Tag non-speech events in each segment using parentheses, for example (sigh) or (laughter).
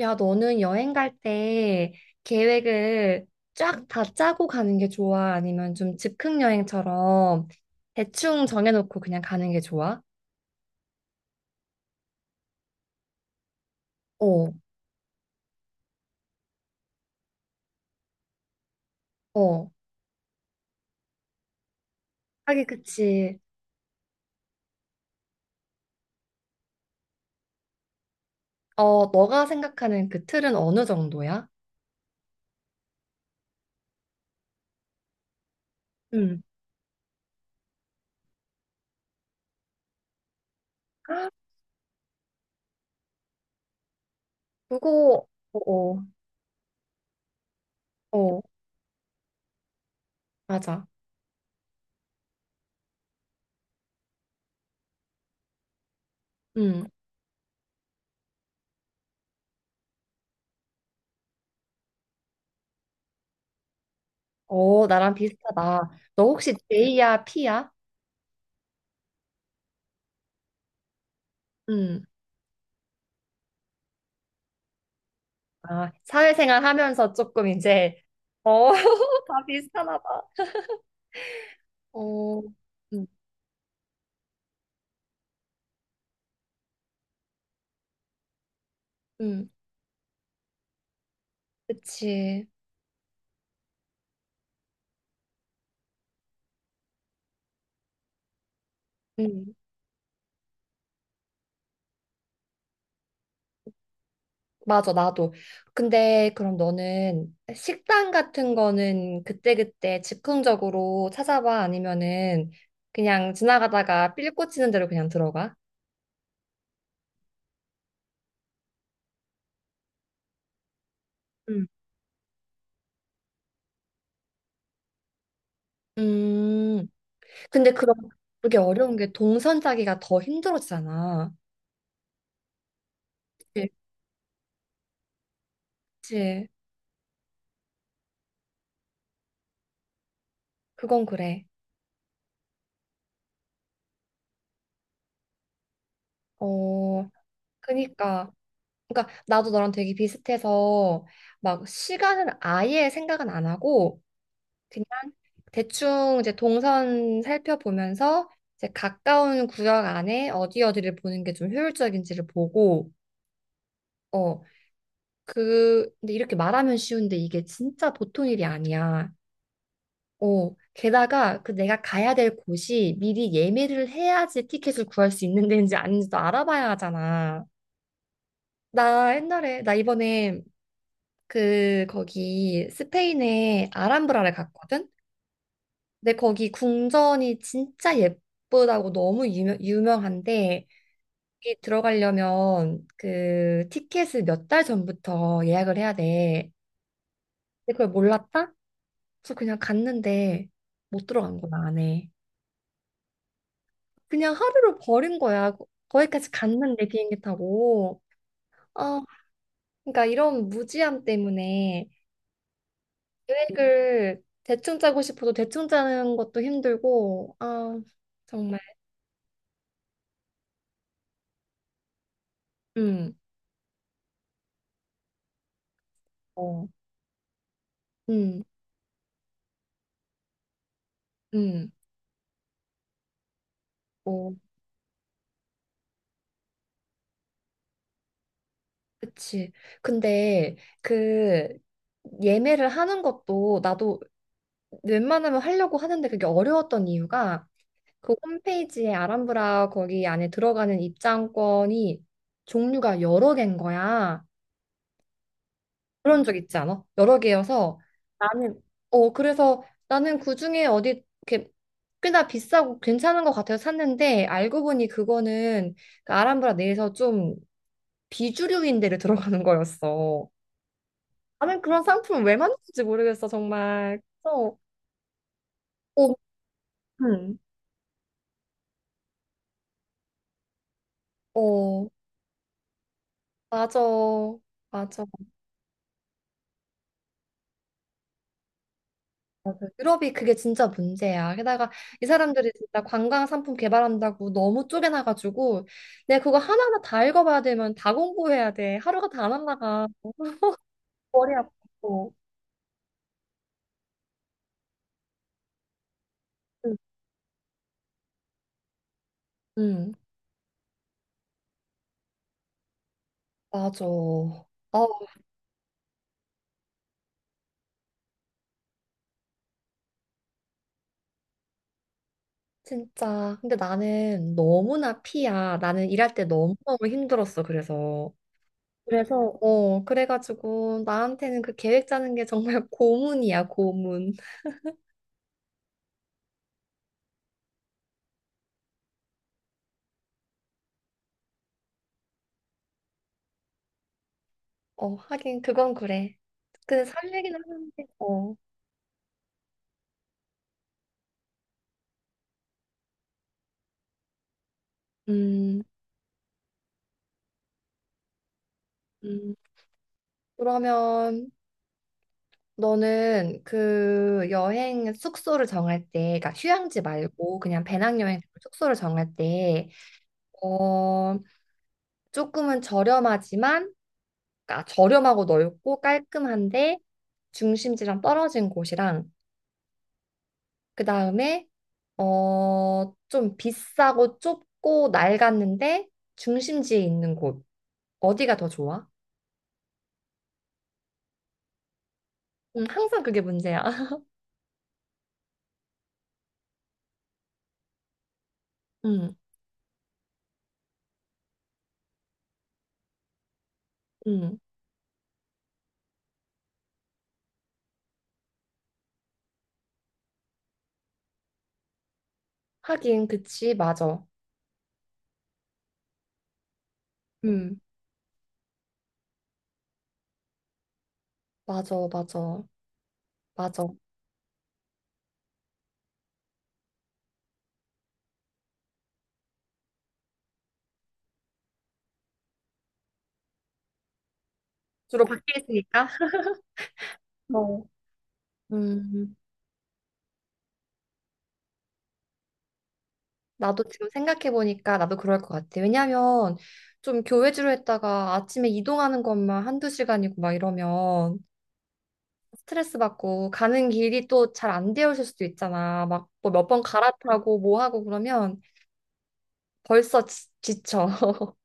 야, 너는 여행 갈 때 계획을 쫙 다 짜고 가는 게 좋아? 아니면 좀 즉흥 여행처럼 대충 정해놓고 그냥 가는 게 좋아? 어, 어. 하긴 그치. 어, 너가 생각하는 그 틀은 어느 정도야? 응. 아, 그거, 어, 어, 어, 맞아. 응. 어, 나랑 비슷하다. 너 혹시 J야, P야? 응. 아, 사회생활 하면서 조금 이제, 어, (laughs) 다 비슷하나 봐. 어, 음, 음, 그치. 음, 맞아, 나도. 근데 그럼 너는 식당 같은 거는 그때그때 즉흥적으로 찾아봐? 아니면은 그냥 지나가다가 삘 꽂히는 대로 그냥 들어가? 음. 음, 근데 그럼 그게 어려운 게 동선 짜기가 더 힘들어지잖아. 네. 그치? 그건 그래. 어, 그니까. 그니까 나도 너랑 되게 비슷해서 막 시간은 아예 생각은 안 하고 그냥 대충 이제 동선 살펴보면서 이제 가까운 구역 안에 어디 어디를 보는 게 좀 효율적인지를 보고 어, 그 근데 이렇게 말하면 쉬운데 이게 진짜 보통 일이 아니야. 어, 게다가 그 내가 가야 될 곳이 미리 예매를 해야지 티켓을 구할 수 있는 데인지 아닌지도 알아봐야 하잖아. 나 이번에 그 거기 스페인에 아람브라를 갔거든. 근데 거기 궁전이 진짜 예쁘다고 너무 유명한데 거기 들어가려면 그 티켓을 몇 달 전부터 예약을 해야 돼. 근데 그걸 몰랐다? 그래서 그냥 갔는데 못 들어간 거야 안에. 그냥 하루를 버린 거야. 거기까지 갔는데 비행기 타고. 아, 그러니까 이런 무지함 때문에 계획을 대충 짜고 싶어도 대충 짜는 것도 힘들고, 아, 정말. 음, 어, 음, 음. 어. 그치. 근데 그 예매를 하는 것도 나도 웬만하면 하려고 하는데 그게 어려웠던 이유가 그 홈페이지에 아람브라 거기 안에 들어가는 입장권이 종류가 여러 개인 거야. 그런 적 있지 않아? 여러 개여서 나는 그래서 나는 그중에 어디 이렇게 꽤나 비싸고 괜찮은 것 같아서 샀는데 알고 보니 그거는 그 아람브라 내에서 좀 비주류인 데를 들어가는 거였어. 나는 그런 상품을 왜 만드는지 모르겠어, 정말. 그래서, 어, 음. 어, 맞아. 맞아. 맞아. 유럽이 그게 진짜 문제야. 게다가 이 사람들이 진짜 관광 상품 개발한다고 너무 쪼개놔가지고, 내가 그거 하나하나 다 읽어봐야 되면 다 공부해야 돼. 하루가 다 날라가. 머리 아프고. 응, 응, 맞아. 아, 진짜. 근데 나는 너무나 피야. 나는 일할 때 너무너무 힘들었어, 그래서. 그래서, 그래가지고 나한테는 그 계획 짜는 게 정말 (laughs) 고문이야, 고문. 어, 하긴 그건 그래. 근데 설레긴 하는데음, 음. 그러면 너는 그 여행 숙소를 정할 때, 그러니까 휴양지 말고 그냥 배낭여행 숙소를 정할 때, 어, 조금은 저렴하지만, 그러니까 저렴하고 넓고 깔끔한데 중심지랑 떨어진 곳이랑 그 다음에 어, 좀 비싸고 좁고 낡았는데 중심지에 있는 곳. 어디가 더 좋아? 항상 그게 문제야. (laughs) 음, 음. 하긴, 그치, 맞아. 음, 맞아, 맞아, 맞아. 주로 밖에 있으니까. 어. 음, 나도 지금 생각해보니까 나도 그럴 것 같아. 왜냐면 좀 교회주로 했다가 아침에 이동하는 것만 한두 시간이고 막 이러면 스트레스 받고 가는 길이 또 잘 안 되어 있을 수도 있잖아. 막 뭐 몇 번 갈아타고 뭐 하고 그러면 벌써 지쳐. (laughs)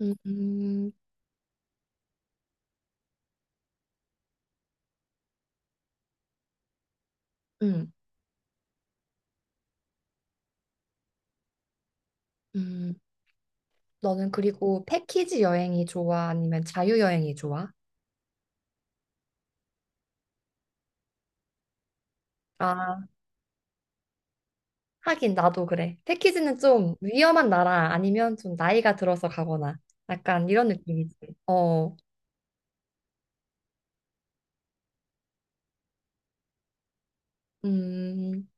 음, 음, 음. 음. 너는 그리고 패키지 여행이 좋아? 아니면 자유 여행이 좋아? 아, 하긴 나도 그래. 패키지는 좀 위험한 나라 아니면 좀 나이가 들어서 가거나 약간 이런 느낌이지. 어, 음,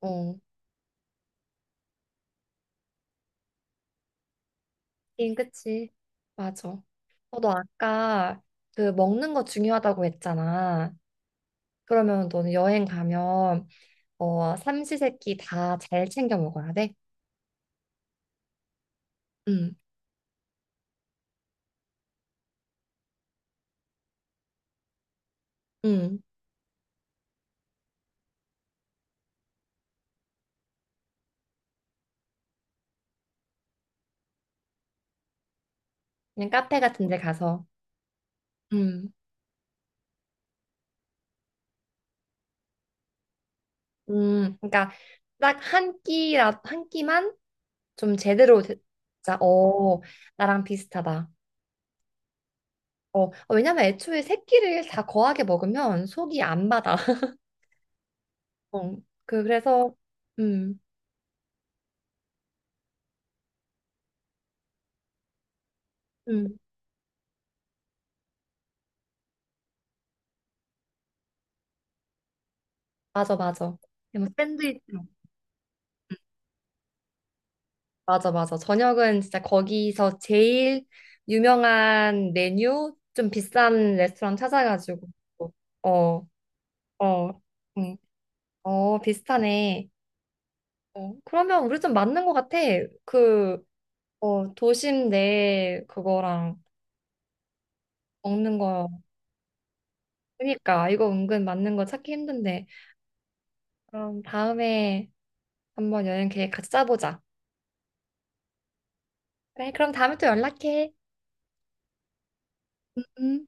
어. 하긴 그치. 맞아. 어, 너 아까 그 먹는 거 중요하다고 했잖아. 그러면 너는 여행 가면 삼시세끼 다 잘 챙겨 먹어야 돼. 응, 응. 그냥 카페 같은 데 가서. 응, 응. 그러니까 딱 한 끼라 한 끼만 좀 제대로 진짜 나랑 비슷하다. 어 어, 왜냐면 애초에 세 끼를 다 거하게 먹으면 속이 안 받아. (laughs) 어, 그래서 음, 음. 맞아, 맞아. 뭐 샌드위치. 맞아, 맞아. 저녁은 진짜 거기서 제일 유명한 메뉴, 좀 비싼 레스토랑 찾아가지고. 어, 어, 응. 어, 비슷하네. 어, 그러면 우리 좀 맞는 것 같아. 그, 어, 도심 내 그거랑 먹는 거. 그러니까 이거 은근 맞는 거 찾기 힘든데. 그럼 다음에 한번 여행 계획 같이 짜보자. 그래, 그럼 다음에 또 연락해. 음.